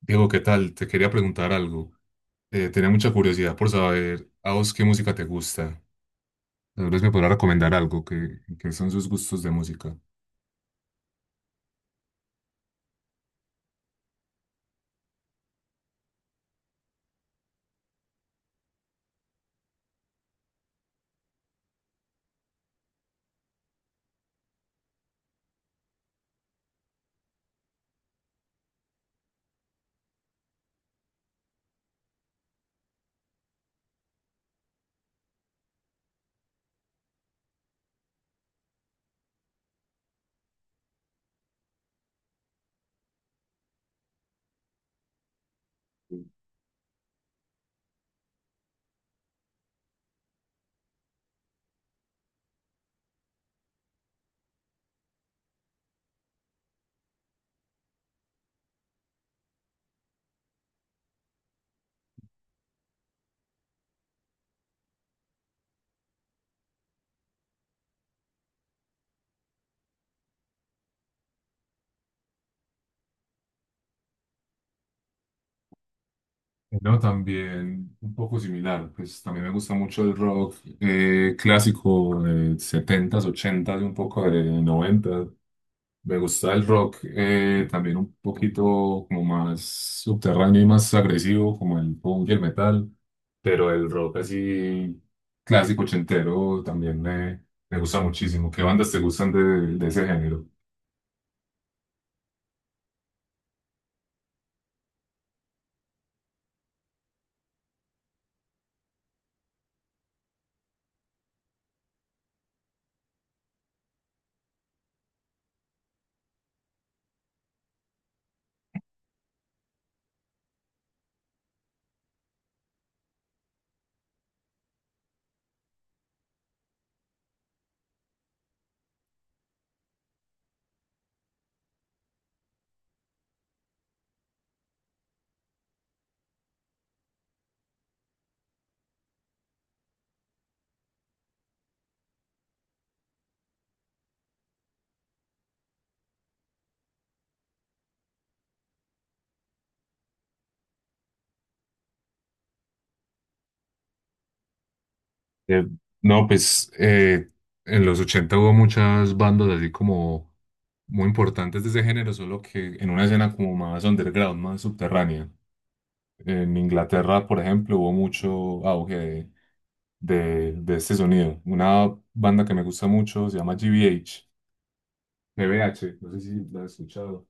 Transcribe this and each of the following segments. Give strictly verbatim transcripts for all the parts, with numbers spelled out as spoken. Diego, ¿qué tal? Te quería preguntar algo. Eh, tenía mucha curiosidad por saber a vos qué música te gusta. Tal vez me podrás recomendar algo que, que son sus gustos de música. No, también un poco similar, pues también me gusta mucho el rock, eh, clásico de setentas, ochentas y un poco de noventas. Me gusta el rock, eh, también un poquito como más subterráneo y más agresivo, como el punk y el metal, pero el rock así clásico ochentero también me, me gusta muchísimo. ¿Qué bandas te gustan de, de ese género? Eh, no, pues eh, en los ochenta hubo muchas bandas así como muy importantes de ese género, solo que en una escena como más underground, más subterránea. En Inglaterra, por ejemplo, hubo mucho auge de, de, de este sonido. Una banda que me gusta mucho se llama G B H. G B H, no sé si la has escuchado,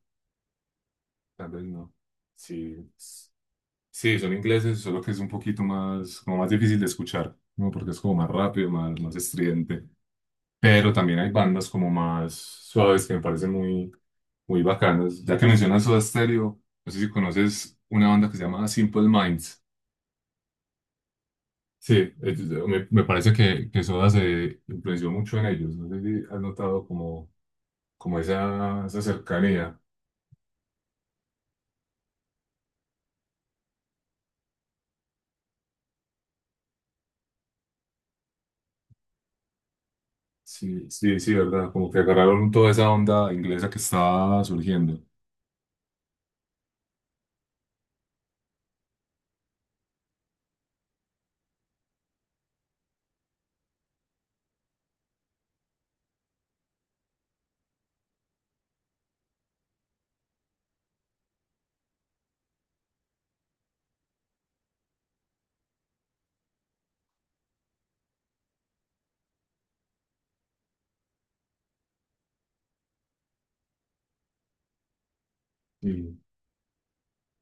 tal vez no. Sí, s- sí, son ingleses, solo que es un poquito más, como más difícil de escuchar, ¿no? Porque es como más rápido, más, más estridente. Pero también hay bandas como más suaves que me parecen muy, muy bacanas. Ya que mencionas Soda Stereo, no sé si conoces una banda que se llama Simple Minds. Sí, eh, me, me parece que, que Soda se influenció mucho en ellos. No sé si has notado como, como esa, esa cercanía. Sí, sí, sí, ¿verdad? Como que agarraron toda esa onda inglesa que estaba surgiendo.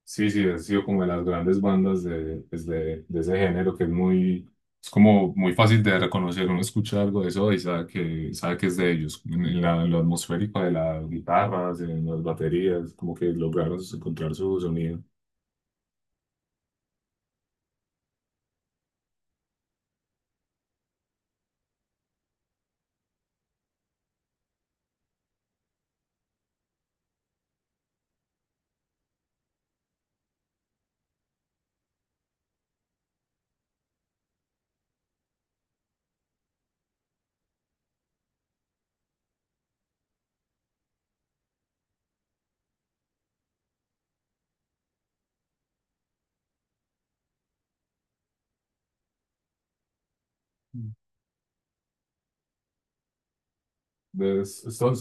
Sí, sí, ha sido como de las grandes bandas de, pues, de, de ese género que es muy, es como muy fácil de reconocer. Uno escucha algo de eso y sabe que, sabe que es de ellos. En la, en lo atmosférico de las guitarras, en las baterías, como que lograron encontrar su sonido. Es- es todo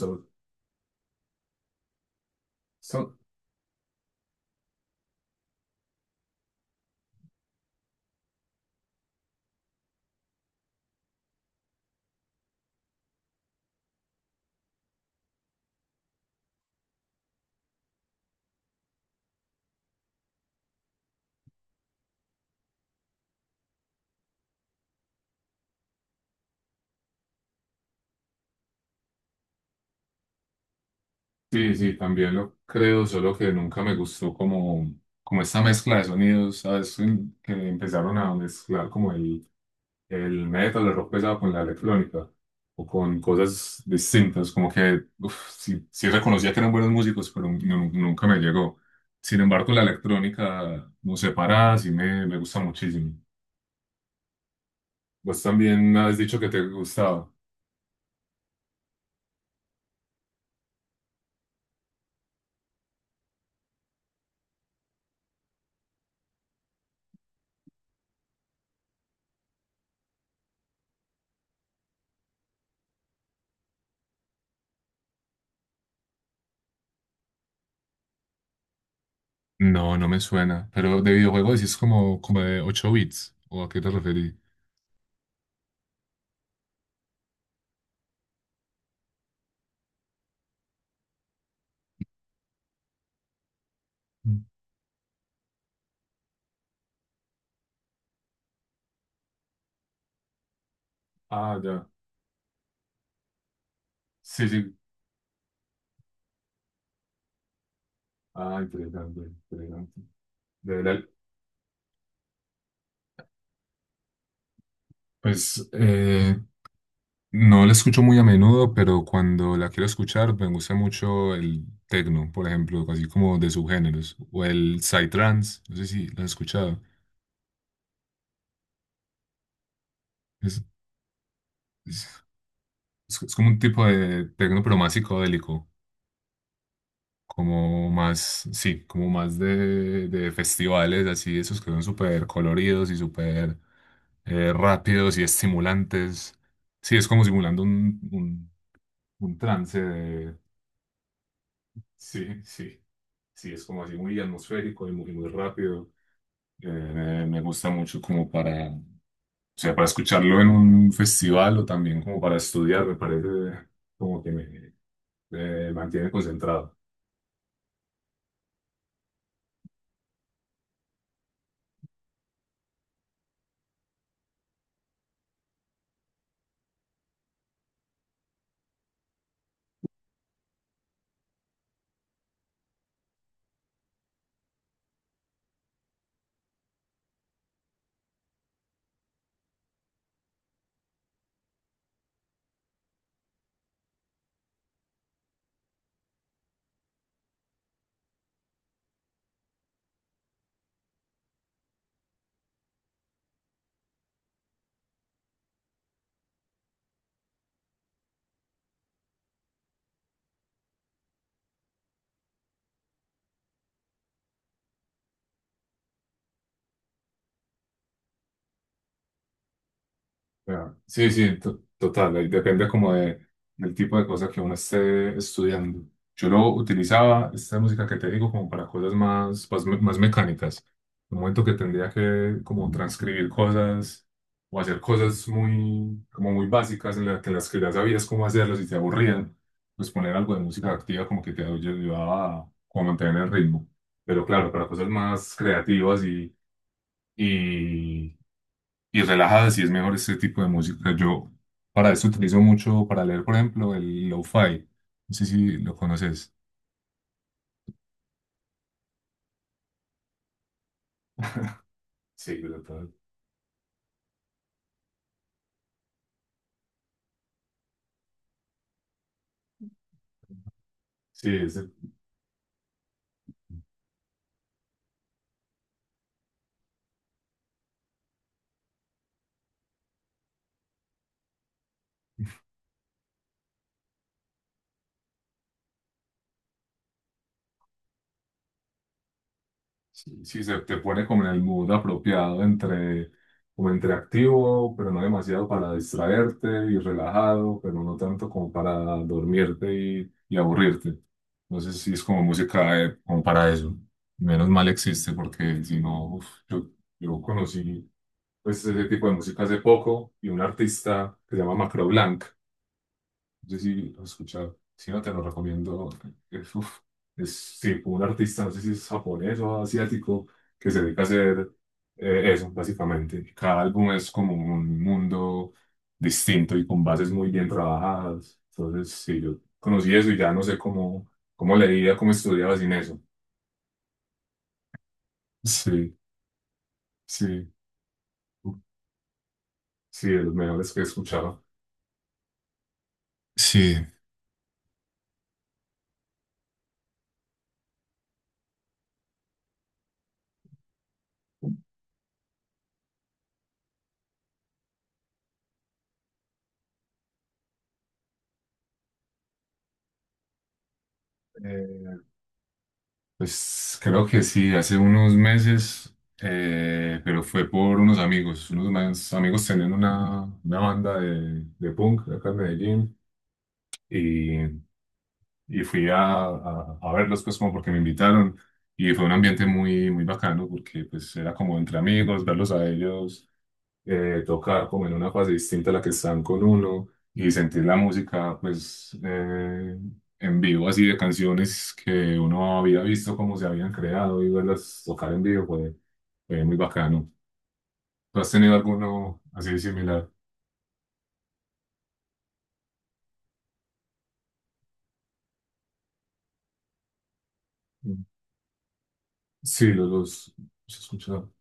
Son- sí, sí, también lo creo, solo que nunca me gustó como, como esta mezcla de sonidos, ¿sabes? En- Que empezaron a mezclar como el el metal, el rock pesado con la electrónica o con cosas distintas, como que uf, sí, sí reconocía que eran buenos músicos, pero nu- nunca me llegó. Sin embargo, la electrónica, no sé, parada, sí me, me gusta muchísimo. Vos también me has dicho que te gustaba. No, no me suena. Pero de videojuego decís como, como de ocho bits. ¿O a qué te referís? Mm. Ah, ya. Sí, sí. Ah, interesante, interesante. De verdad, pues eh, no la escucho muy a menudo, pero cuando la quiero escuchar me gusta mucho el techno, por ejemplo, así como de subgéneros, o el psytrance, no sé si lo has escuchado. Es, es- es- es como un tipo de techno, pero más psicodélico, como más, sí, como más de, de festivales, así, esos que son súper coloridos y súper eh, rápidos y estimulantes. Sí, es como simulando un, un, un trance. Sí, sí. Sí, es como así muy atmosférico y muy, muy rápido. Eh, me, me gusta mucho como para, o sea, para escucharlo en un festival o también como para estudiar, me parece como que me, me mantiene concentrado. Ya. Sí, sí, to- total. Ahí depende como de, del tipo de cosas que uno esté estudiando. Yo lo utilizaba, esta música que te digo, como para cosas más, más, me- más mecánicas. Un momento que tendría que como transcribir cosas o hacer cosas muy, como muy básicas en, la- que las que ya sabías cómo hacerlas y te aburrían, pues poner algo de música activa como que te ayudaba a como mantener el ritmo. Pero claro, para cosas más creativas y... y y relajada, sí es mejor este tipo de música. Yo para esto utilizo mucho para leer, por ejemplo, el lo-fi. No sé si lo conoces. Sí, ¿verdad? Sí, es el- sí, sí, se te pone como en el mood apropiado entre, como entre activo, pero no demasiado para distraerte y relajado, pero no tanto como para dormirte y, y aburrirte. No sé si es como música eh, como para eso. Menos mal existe porque si no, uf, yo, yo conocí, pues, ese tipo de música hace poco y un artista que se llama Macro Blanc. No sé si lo has escuchado. Si no, te lo recomiendo. Es, uf, es tipo un artista, no sé si es japonés o asiático, que se dedica a hacer eh, eso, básicamente. Cada álbum es como un mundo distinto y con bases muy bien trabajadas. Entonces, sí, yo conocí eso y ya no sé cómo, cómo leía, cómo estudiaba sin eso. Sí, sí, sí, de los mejores que he escuchado. Sí. Eh, Pues creo que sí, hace unos meses, eh, pero fue por unos amigos. Unos más amigos tenían una, una banda de, de punk acá en Medellín y, y fui a, a, a verlos pues como porque me invitaron y fue un ambiente muy, muy bacano porque pues era como entre amigos, verlos a ellos eh, tocar como en una fase distinta a la que están con uno y sentir la música pues eh, en vivo así de canciones que uno había visto cómo se habían creado y verlas tocar en vivo fue, fue muy bacano. ¿Tú has tenido alguno así similar? Sí, los, los, los escucho.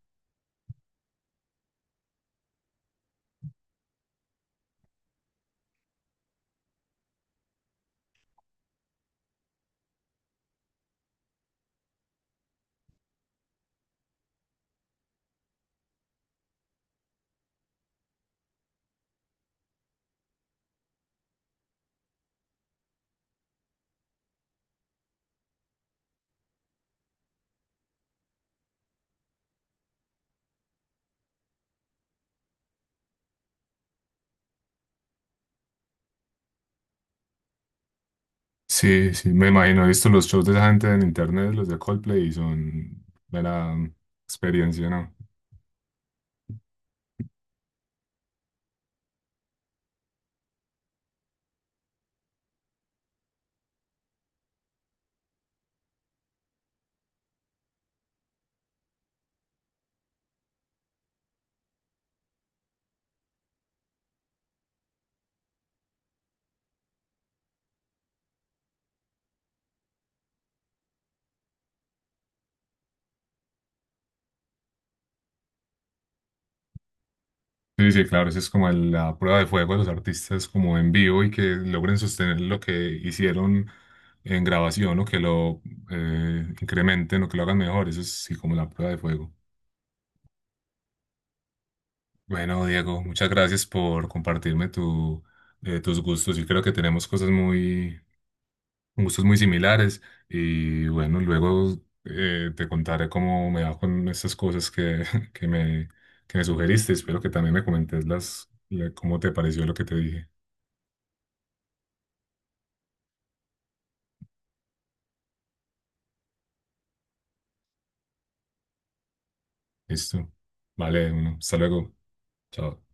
Sí, sí, me imagino. He visto los shows de esa gente en internet, los de Coldplay, y son mera experiencia, ¿no? Sí, sí, claro, esa es como el- la prueba de fuego de los artistas como en vivo y que logren sostener lo que hicieron en grabación o que lo eh, incrementen o que lo hagan mejor. Eso es sí como la prueba de fuego. Bueno, Diego, muchas gracias por compartirme tu, eh, tus gustos. Yo creo que tenemos cosas muy, gustos muy similares y bueno, luego eh, te contaré cómo me va con esas cosas que, que me, que me sugeriste. Espero que también me comentes las, la- cómo te pareció lo que te dije. Listo. Vale, uno. Hasta luego. Chao.